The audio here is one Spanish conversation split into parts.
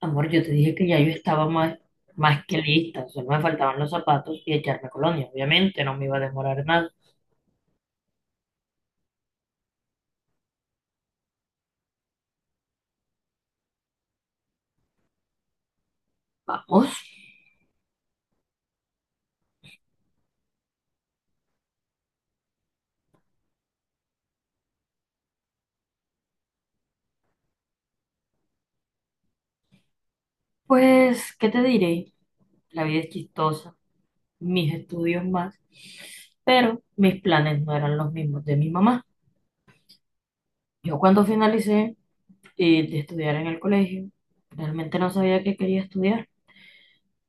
Amor, yo te dije que ya yo estaba más, más que lista, solo me faltaban los zapatos y echarme colonia. Obviamente no me iba a demorar nada. Vamos. Pues, ¿qué te diré? La vida es chistosa, mis estudios más, pero mis planes no eran los mismos de mi mamá. Yo cuando finalicé de estudiar en el colegio, realmente no sabía qué quería estudiar.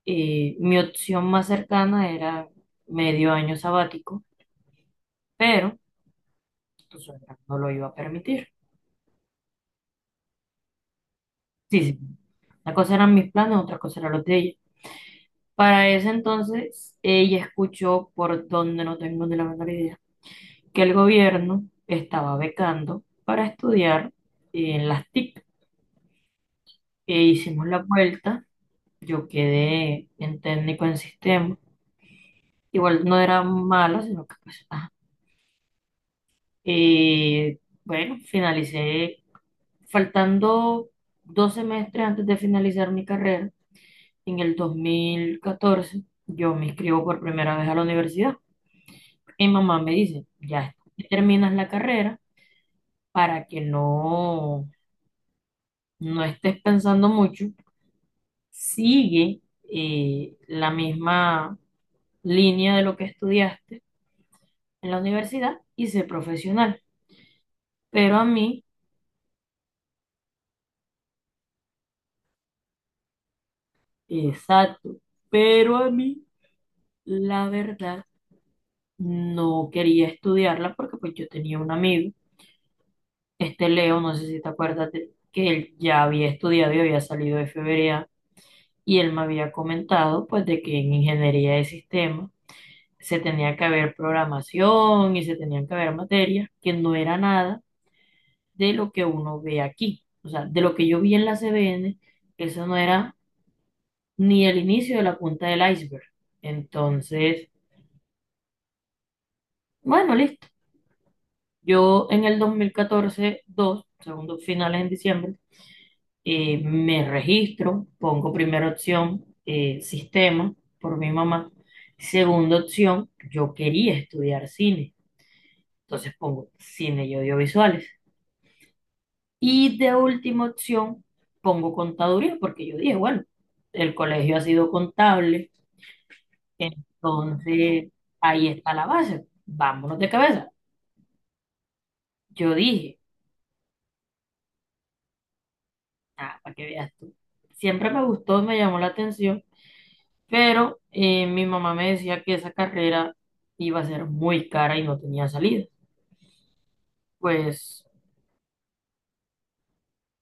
Mi opción más cercana era medio año sabático, pero tu suegra no lo iba a permitir. Sí, sí. Una cosa eran mis planes, otra cosa eran los de ella. Para ese entonces, ella escuchó, por donde no tengo ni la menor idea, que el gobierno estaba becando para estudiar en las TIC. E hicimos la vuelta, yo quedé en técnico en sistema. Igual no era malo, sino que pues, ajá. Eh, bueno, finalicé faltando 2 semestres antes de finalizar mi carrera. En el 2014 yo me inscribo por primera vez a la universidad. Y mamá me dice, ya terminas la carrera para que no estés pensando mucho. Sigue la misma línea de lo que estudiaste en la universidad y sé profesional. Pero a mí, exacto, pero a mí, la verdad, no quería estudiarla porque pues yo tenía un amigo, este Leo, no sé si que él ya había estudiado y había salido de FBA y él me había comentado pues de que en ingeniería de sistemas se tenía que haber programación y se tenían que haber materias que no era nada de lo que uno ve aquí. O sea, de lo que yo vi en la CBN, eso no era ni el inicio de la punta del iceberg. Entonces, bueno, listo. Yo en el 2014, 2 segundos finales en diciembre, me registro, pongo primera opción, sistema, por mi mamá. Segunda opción, yo quería estudiar cine, entonces pongo cine y audiovisuales. Y de última opción, pongo contaduría, porque yo dije, bueno, el colegio ha sido contable, entonces ahí está la base, vámonos de cabeza. Yo dije, ah, para que veas tú, siempre me gustó, me llamó la atención. Pero mi mamá me decía que esa carrera iba a ser muy cara y no tenía salida. Pues,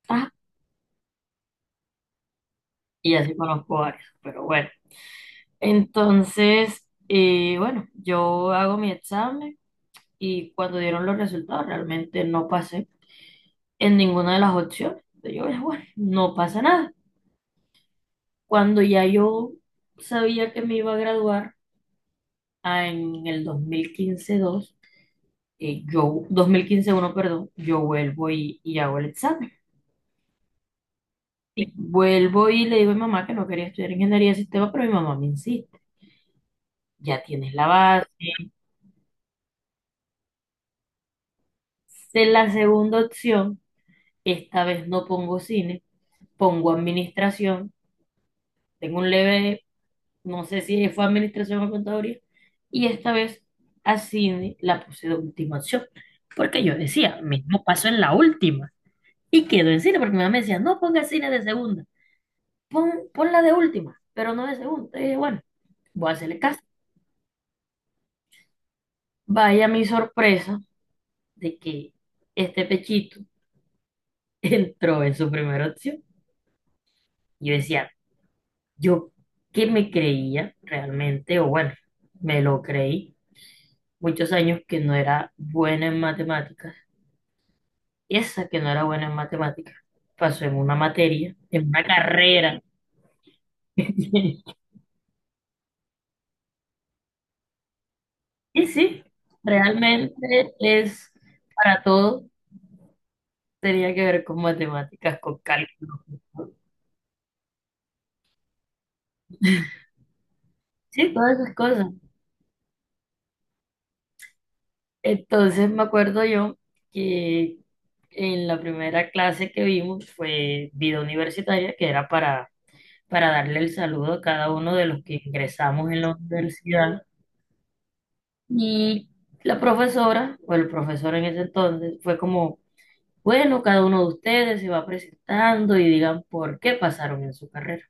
ah, y así conozco varias, pero bueno. Entonces, bueno, yo hago mi examen y cuando dieron los resultados realmente no pasé en ninguna de las opciones. Yo dije, bueno, no pasa nada. Cuando ya yo sabía que me iba a graduar en el 2015-2, yo, 2015-1, perdón, yo vuelvo y hago el examen. Y vuelvo y le digo a mi mamá que no quería estudiar ingeniería de sistemas, pero mi mamá me insiste, ya tienes la base. Hice la segunda opción, esta vez no pongo cine, pongo administración, tengo un leve, no sé si fue administración o contaduría, y esta vez a cine la puse de última opción, porque yo decía, mismo paso en la última, y quedo en cine, porque mi mamá me decía, no ponga cine de segunda, ponla de última, pero no de segunda. Y dije, bueno, voy a hacerle caso. Vaya mi sorpresa de que este pechito entró en su primera opción. Yo decía, yo que me creía realmente, o bueno, me lo creí muchos años que no era buena en matemáticas. Esa que no era buena en matemáticas pasó en una materia, en una carrera. Y sí, realmente es para todo, tenía que ver con matemáticas, con cálculo. Sí, todas esas cosas. Entonces me acuerdo yo que en la primera clase que vimos fue vida universitaria, que era para darle el saludo a cada uno de los que ingresamos en la universidad. Y la profesora, o el profesor en ese entonces, fue como, bueno, cada uno de ustedes se va presentando y digan por qué pasaron en su carrera.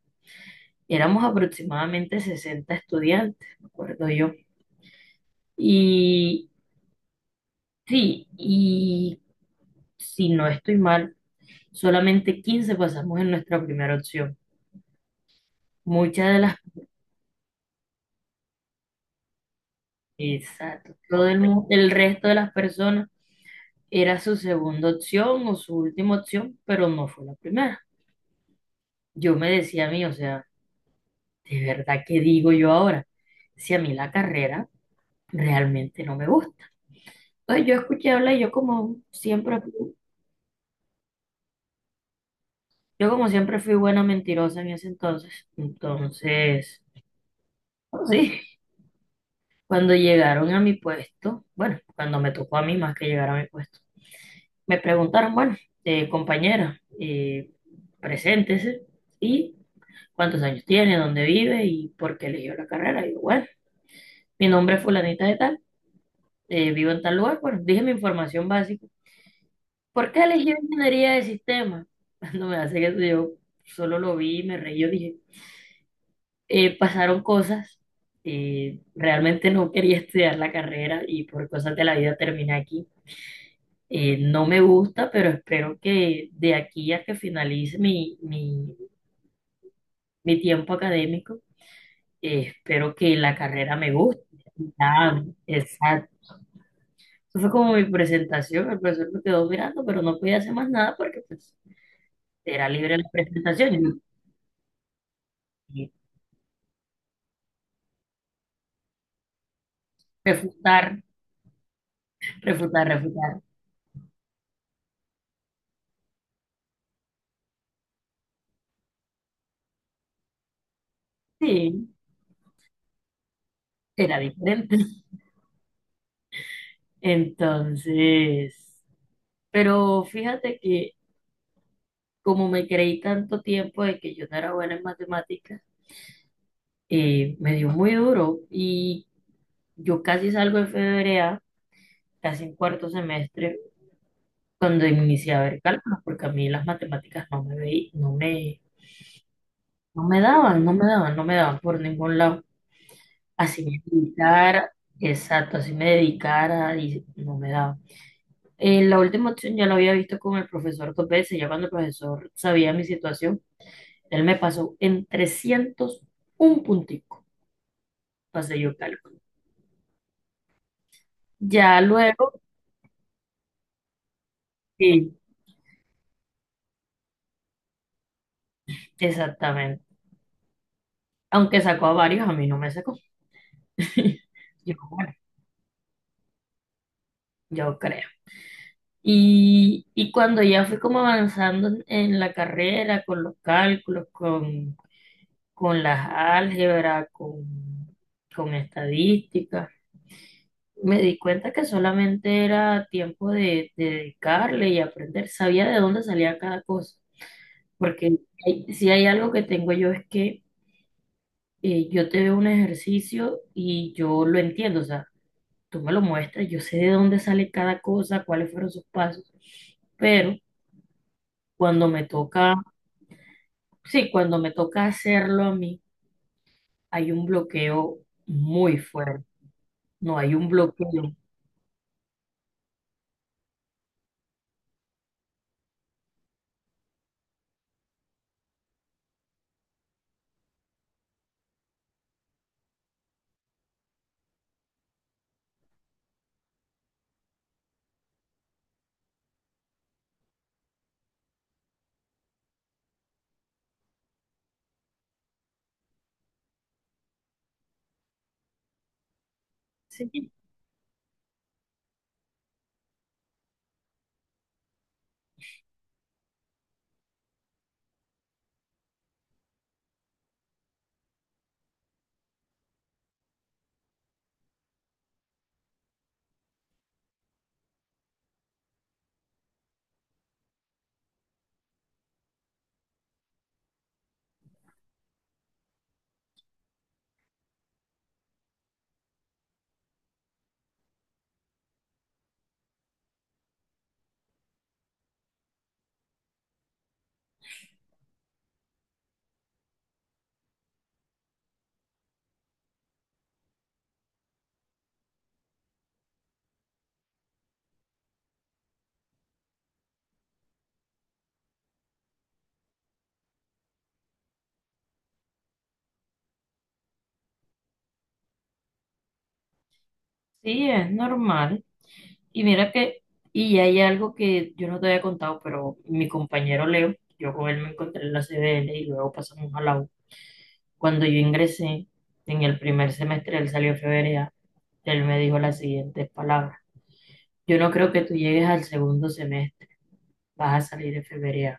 Éramos aproximadamente 60 estudiantes, me acuerdo yo. Y sí, y si no estoy mal solamente 15 pasamos en nuestra primera opción. Muchas de las, exacto, todo el, el resto de las personas era su segunda opción o su última opción, pero no fue la primera. Yo me decía a mí, o sea, ¿de verdad qué digo yo ahora? Si a mí la carrera realmente no me gusta. Pues yo escuché hablar y yo como siempre fui buena mentirosa en ese entonces. Entonces, pues sí, cuando llegaron a mi puesto, bueno, cuando me tocó a mí más que llegar a mi puesto, me preguntaron, bueno, compañera, preséntese y cuántos años tiene, dónde vive y por qué eligió la carrera. Y yo, bueno, mi nombre es fulanita de tal, vivo en tal lugar, bueno, dije mi información básica. ¿Por qué elegí ingeniería de sistemas? Cuando me hace que yo solo lo vi y me reí, yo dije, pasaron cosas, realmente no quería estudiar la carrera y por cosas de la vida terminé aquí. No me gusta, pero espero que de aquí a que finalice mi tiempo académico, espero que la carrera me guste. Ya, exacto. Eso fue como mi presentación. El profesor me quedó mirando, pero no podía hacer más nada porque pues, era libre la presentación. Y yo, eh, refutar, refutar, refutar. Sí, era diferente. Entonces, pero fíjate que como me creí tanto tiempo de que yo no era buena en matemáticas, me dio muy duro y yo casi salgo de febrea, casi en cuarto semestre, cuando inicié a ver cálculos, porque a mí las matemáticas no me daban, no me daban, no me daban por ningún lado. Así me dedicara, exacto, así me dedicara y no me daban. La última opción ya la había visto con el profesor 2 veces, ya cuando el profesor sabía mi situación, él me pasó en 300 un puntico, pasé yo cálculo. Ya luego, sí, exactamente. Aunque sacó a varios, a mí no me sacó. Yo, bueno, yo creo. Y cuando ya fui como avanzando en la carrera, con, los cálculos, con las álgebras, con estadísticas, me di cuenta que solamente era tiempo de dedicarle y aprender. Sabía de dónde salía cada cosa. Porque si hay algo que tengo yo es que yo te veo un ejercicio y yo lo entiendo. O sea, tú me lo muestras, yo sé de dónde sale cada cosa, cuáles fueron sus pasos, pero cuando me toca, sí, cuando me toca hacerlo a mí, hay un bloqueo muy fuerte, no hay un bloqueo. Sí, sí, es normal. Y mira que, y hay algo que yo no te había contado, pero mi compañero Leo, yo con él me encontré en la CBL y luego pasamos a la U. Cuando yo ingresé en el primer semestre, él salió a febrero, él me dijo las siguientes palabras. Yo no creo que tú llegues al segundo semestre, vas a salir en febrero.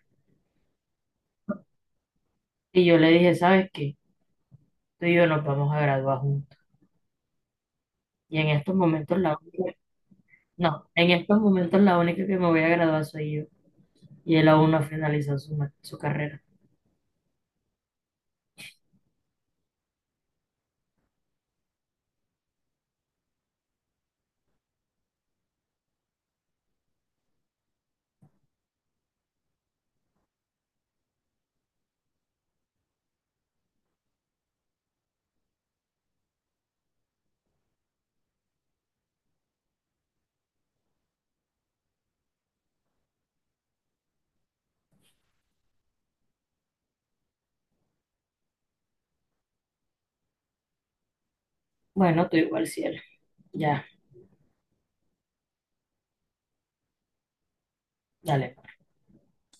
Y yo le dije, ¿sabes qué? Tú y yo nos vamos a graduar juntos. Y en estos momentos la única, no, en estos momentos la única que me voy a graduar soy yo. Y él aún no ha finalizado su carrera. Bueno, tú igual, cielo. Ya, dale.